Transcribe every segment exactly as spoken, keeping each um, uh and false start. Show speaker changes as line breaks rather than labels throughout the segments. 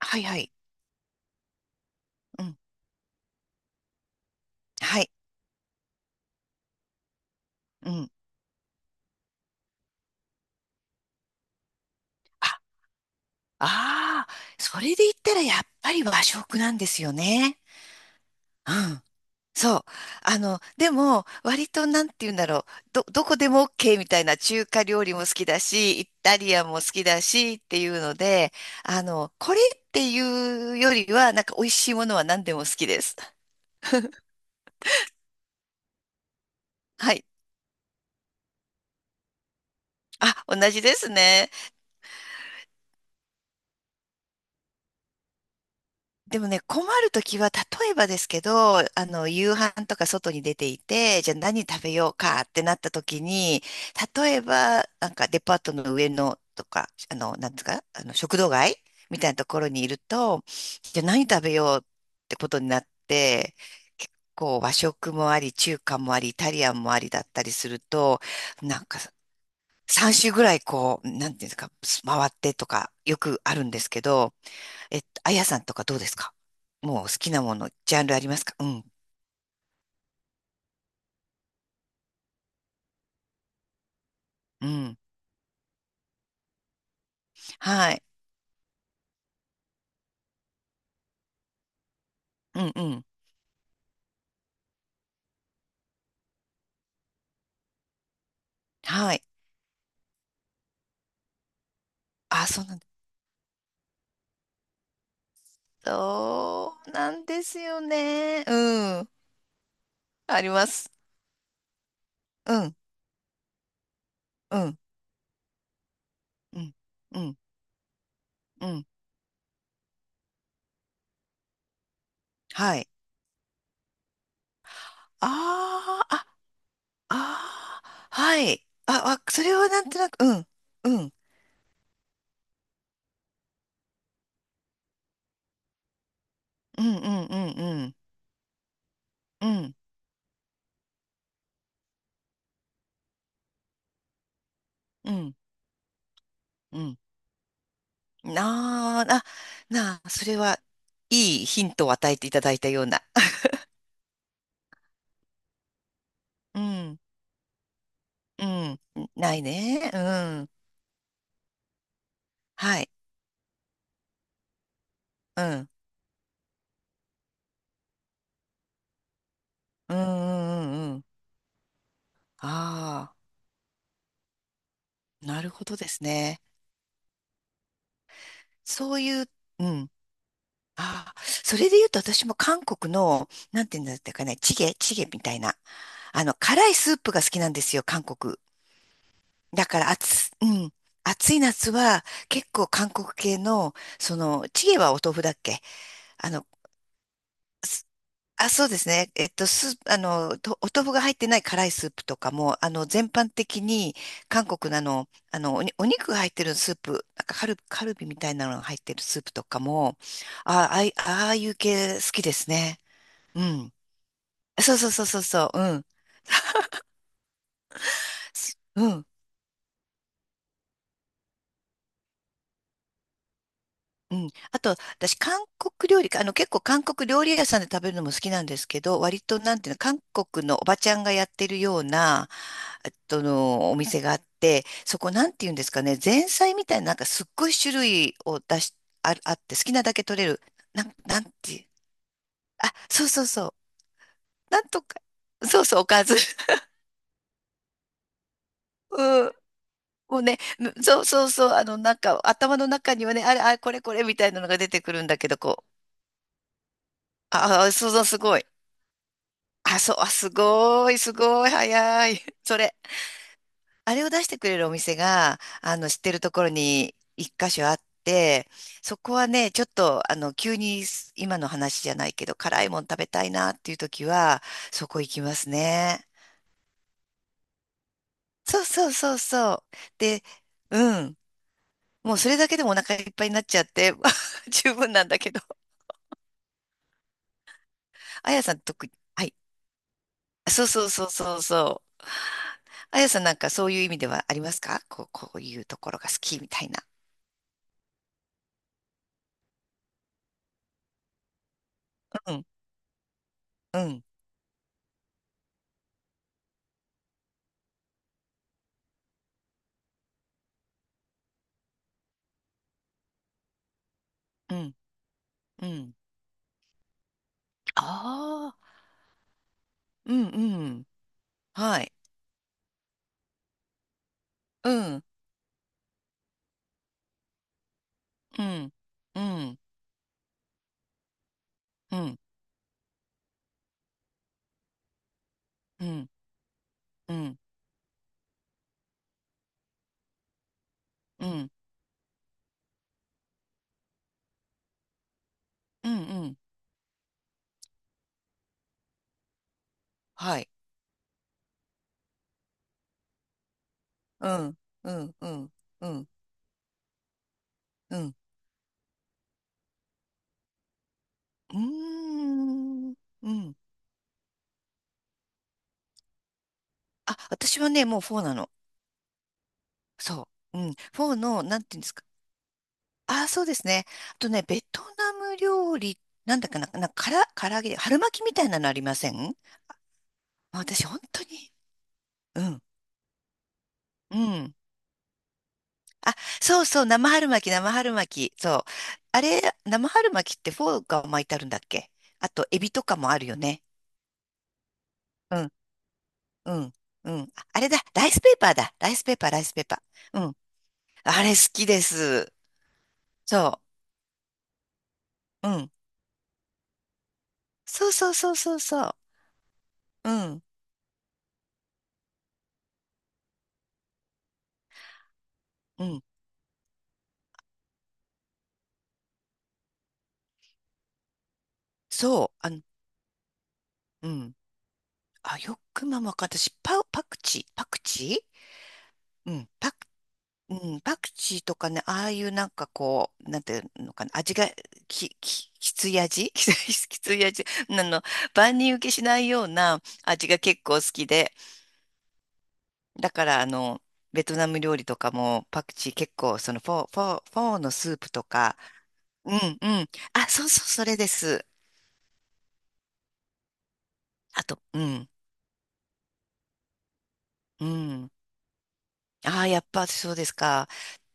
はいはい。うん。はい。うん。あ、ああ、それで言ったらやっぱり和食なんですよね。うん。そう。あの、でも、割となんて言うんだろう。ど、どこでも OK みたいな中華料理も好きだし、イタリアンも好きだしっていうので、あの、これっていうよりは、なんか美味しいものは何でも好きです。はい。あ、同じですね。でもね、困るときは、例えばですけど、あの、夕飯とか外に出ていて、じゃあ何食べようかってなったときに、例えば、なんかデパートの上のとか、あの、なんですか、あの、食堂街みたいなところにいると、じゃあ何食べようってことになって、結構和食もあり、中華もあり、イタリアンもありだったりすると、なんかさんしゅう週ぐらいこう、なんていうんですか、回ってとかよくあるんですけど、えっと、あやさんとかどうですか？もう好きなもの、ジャンルありますか？うん。うん。はい。うんうん。はい。あ、そうなんだ。そうなんですよね。うん。あります。うん。うん。うん。うん。うん。はい。あーあ、ああ、はい。あ、あ、それはなんとなく、うん。うん。うんうんうんうん。うん。うん。うん。なあ、な、なあ、それは、いいヒントを与えていただいたような。うん。うん。ないね。うん。はい。うん。うんうんうんうん。ああ、なるほどですね。そういう、うん。ああ、それで言うと私も韓国の、なんていうんだったかね、チゲ、チゲみたいな。あの、辛いスープが好きなんですよ、韓国。だから暑、うん。暑い夏は結構韓国系の、その、チゲはお豆腐だっけ？あの、あ、そうですね。えっと、スープ、あの、とお豆腐が入ってない辛いスープとかも、あの、全般的に、韓国のあの、あの、おに、お肉が入ってるスープ、なんかカル、カルビみたいなのが入ってるスープとかも、あ、ああい、ああいう系好きですね。うん。そうそうそうそうそう、うん。すうん。うん。あと、私、韓国料理か、あの、結構韓国料理屋さんで食べるのも好きなんですけど、割と、なんていうの、韓国のおばちゃんがやってるような、えっとの、お店があって、そこ、なんていうんですかね、前菜みたいな、なんかすっごい種類を出し、あ、あって、好きなだけ取れる。なん、なんていう、あ、そうそうそう。なんとか、そうそう、おかず。うん。もうね、むそうそうそう、あの、なんか、頭の中にはね、あれ、あれ、これ、これ、みたいなのが出てくるんだけど、こう、ああ、そうそう、すごい。あ、そう、あ、すごい、すごい、早い。それ、あれを出してくれるお店が、あの、知ってるところに一箇所あって、そこはね、ちょっと、あの、急に今の話じゃないけど、辛いもん食べたいなっていう時は、そこ行きますね。そうそうそうそう。で、うん。もうそれだけでもお腹いっぱいになっちゃって、十分なんだけど。あやさん特に。はい。そうそうそうそうそう。あやさんなんかそういう意味ではありますか？こう、こういうところが好きみたいな。うん、うん、うん、うん。ああ、うん、うん。はい。うん、うん、うん、うん、うん、うん、うん、うん、うん。はい。うん、うん、うん、うん、うん。うーん、うん。あ、私はね、もうフォーなの。そう。うん。フォーの、なんていうんですか。ああ、そうですね。あとね、ベトナム料理、なんだかな、な、から、唐揚げ、春巻きみたいなのありません？あ、私、本当に。うん、うん。あ、そうそう、生春巻き、生春巻き。そう。あれ、生春巻きってフォーが巻いてあるんだっけ？あと、エビとかもあるよね。うん、うん、うん。ああれだ、ライスペーパーだ。ライスペーパー、ライスペーパー。うん。あれ好きです。そう。うん。そうそうそうそうそう。うん、うん。そう。あの、うん。あ、よくママか、私、パ、パクチー、パクチーうん、パク、うん、パクチーとかね、ああいうなんかこう、なんていうのかな、味が、き、き、きつい味 きつい味あの、万人受けしないような味が結構好きで、だから、あの、ベトナム料理とかもパクチー結構、そのフォー、フォー、フォーのスープとか、うんうん。あ、そうそう、それです。あと、うん、うん。ああ、やっぱそうですか。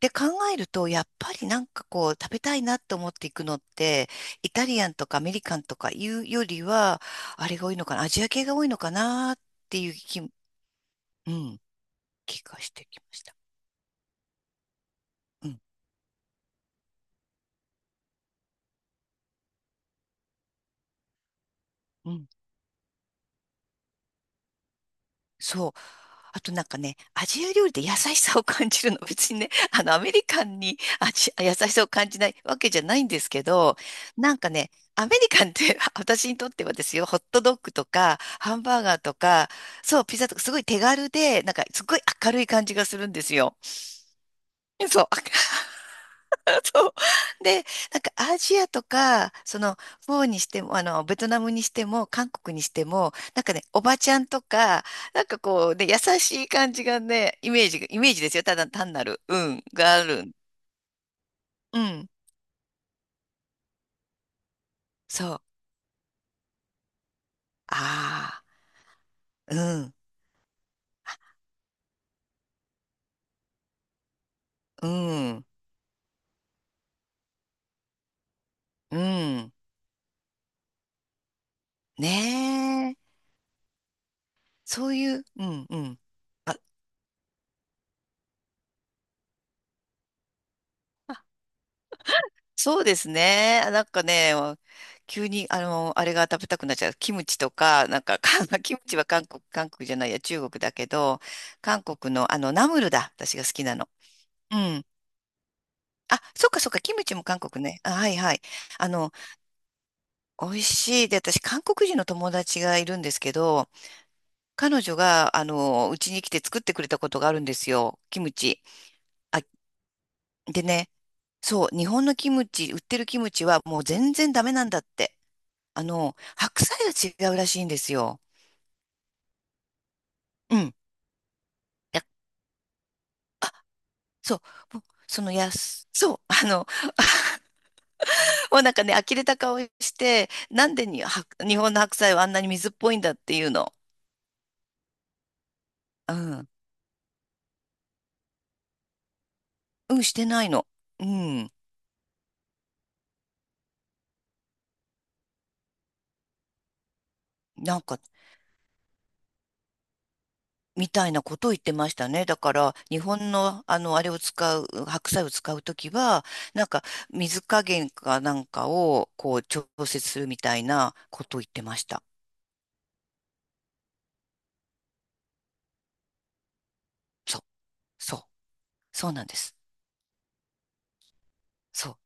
で考えると、やっぱりなんかこう食べたいなと思っていくのって、イタリアンとかアメリカンとかいうよりは、あれが多いのかな、アジア系が多いのかなっていう気も、うん、気がしてきました。うん、うん。そう。あとなんかね、アジア料理で優しさを感じるの。別にね、あの、アメリカンにアジ優しさを感じないわけじゃないんですけど、なんかね、アメリカンって 私にとってはですよ、ホットドッグとか、ハンバーガーとか、そう、ピザとか、すごい手軽で、なんか、すごい明るい感じがするんですよ。そう。そう。で、なんかアジアとか、その、フォーにしても、あの、ベトナムにしても、韓国にしても、なんかね、おばちゃんとか、なんかこうね、優しい感じがね、イメージが、イメージですよ。ただ単なる、うん、がある。うん、そう。ああ、うん、うん、うん。ねえ。そういう、うん、うん。あ、そうですね。なんかね、急に、あの、あれが食べたくなっちゃう。キムチとか、なんか、か キムチは韓国、韓国じゃないや、中国だけど、韓国の、あの、ナムルだ。私が好きなの。うん。あ、そっかそっか、キムチも韓国ね。あ、はいはい。あの、美味しい。で、私、韓国人の友達がいるんですけど、彼女が、あの、うちに来て作ってくれたことがあるんですよ。キムチ。あ、でね、そう、日本のキムチ、売ってるキムチはもう全然ダメなんだって。あの、白菜が違うらしいんですよ。うん。や、そう。もうそのやす、そう。あの、もうなんかね、呆れた顔して、なんでには、日本の白菜はあんなに水っぽいんだっていうの。うん。うん、してないの。うん。なんか、みたいなことを言ってましたね。だから、日本の、あの、あれを使う、白菜を使うときは、なんか、水加減かなんかを、こう、調節するみたいなことを言ってました。そう、そう、そうなんです。そう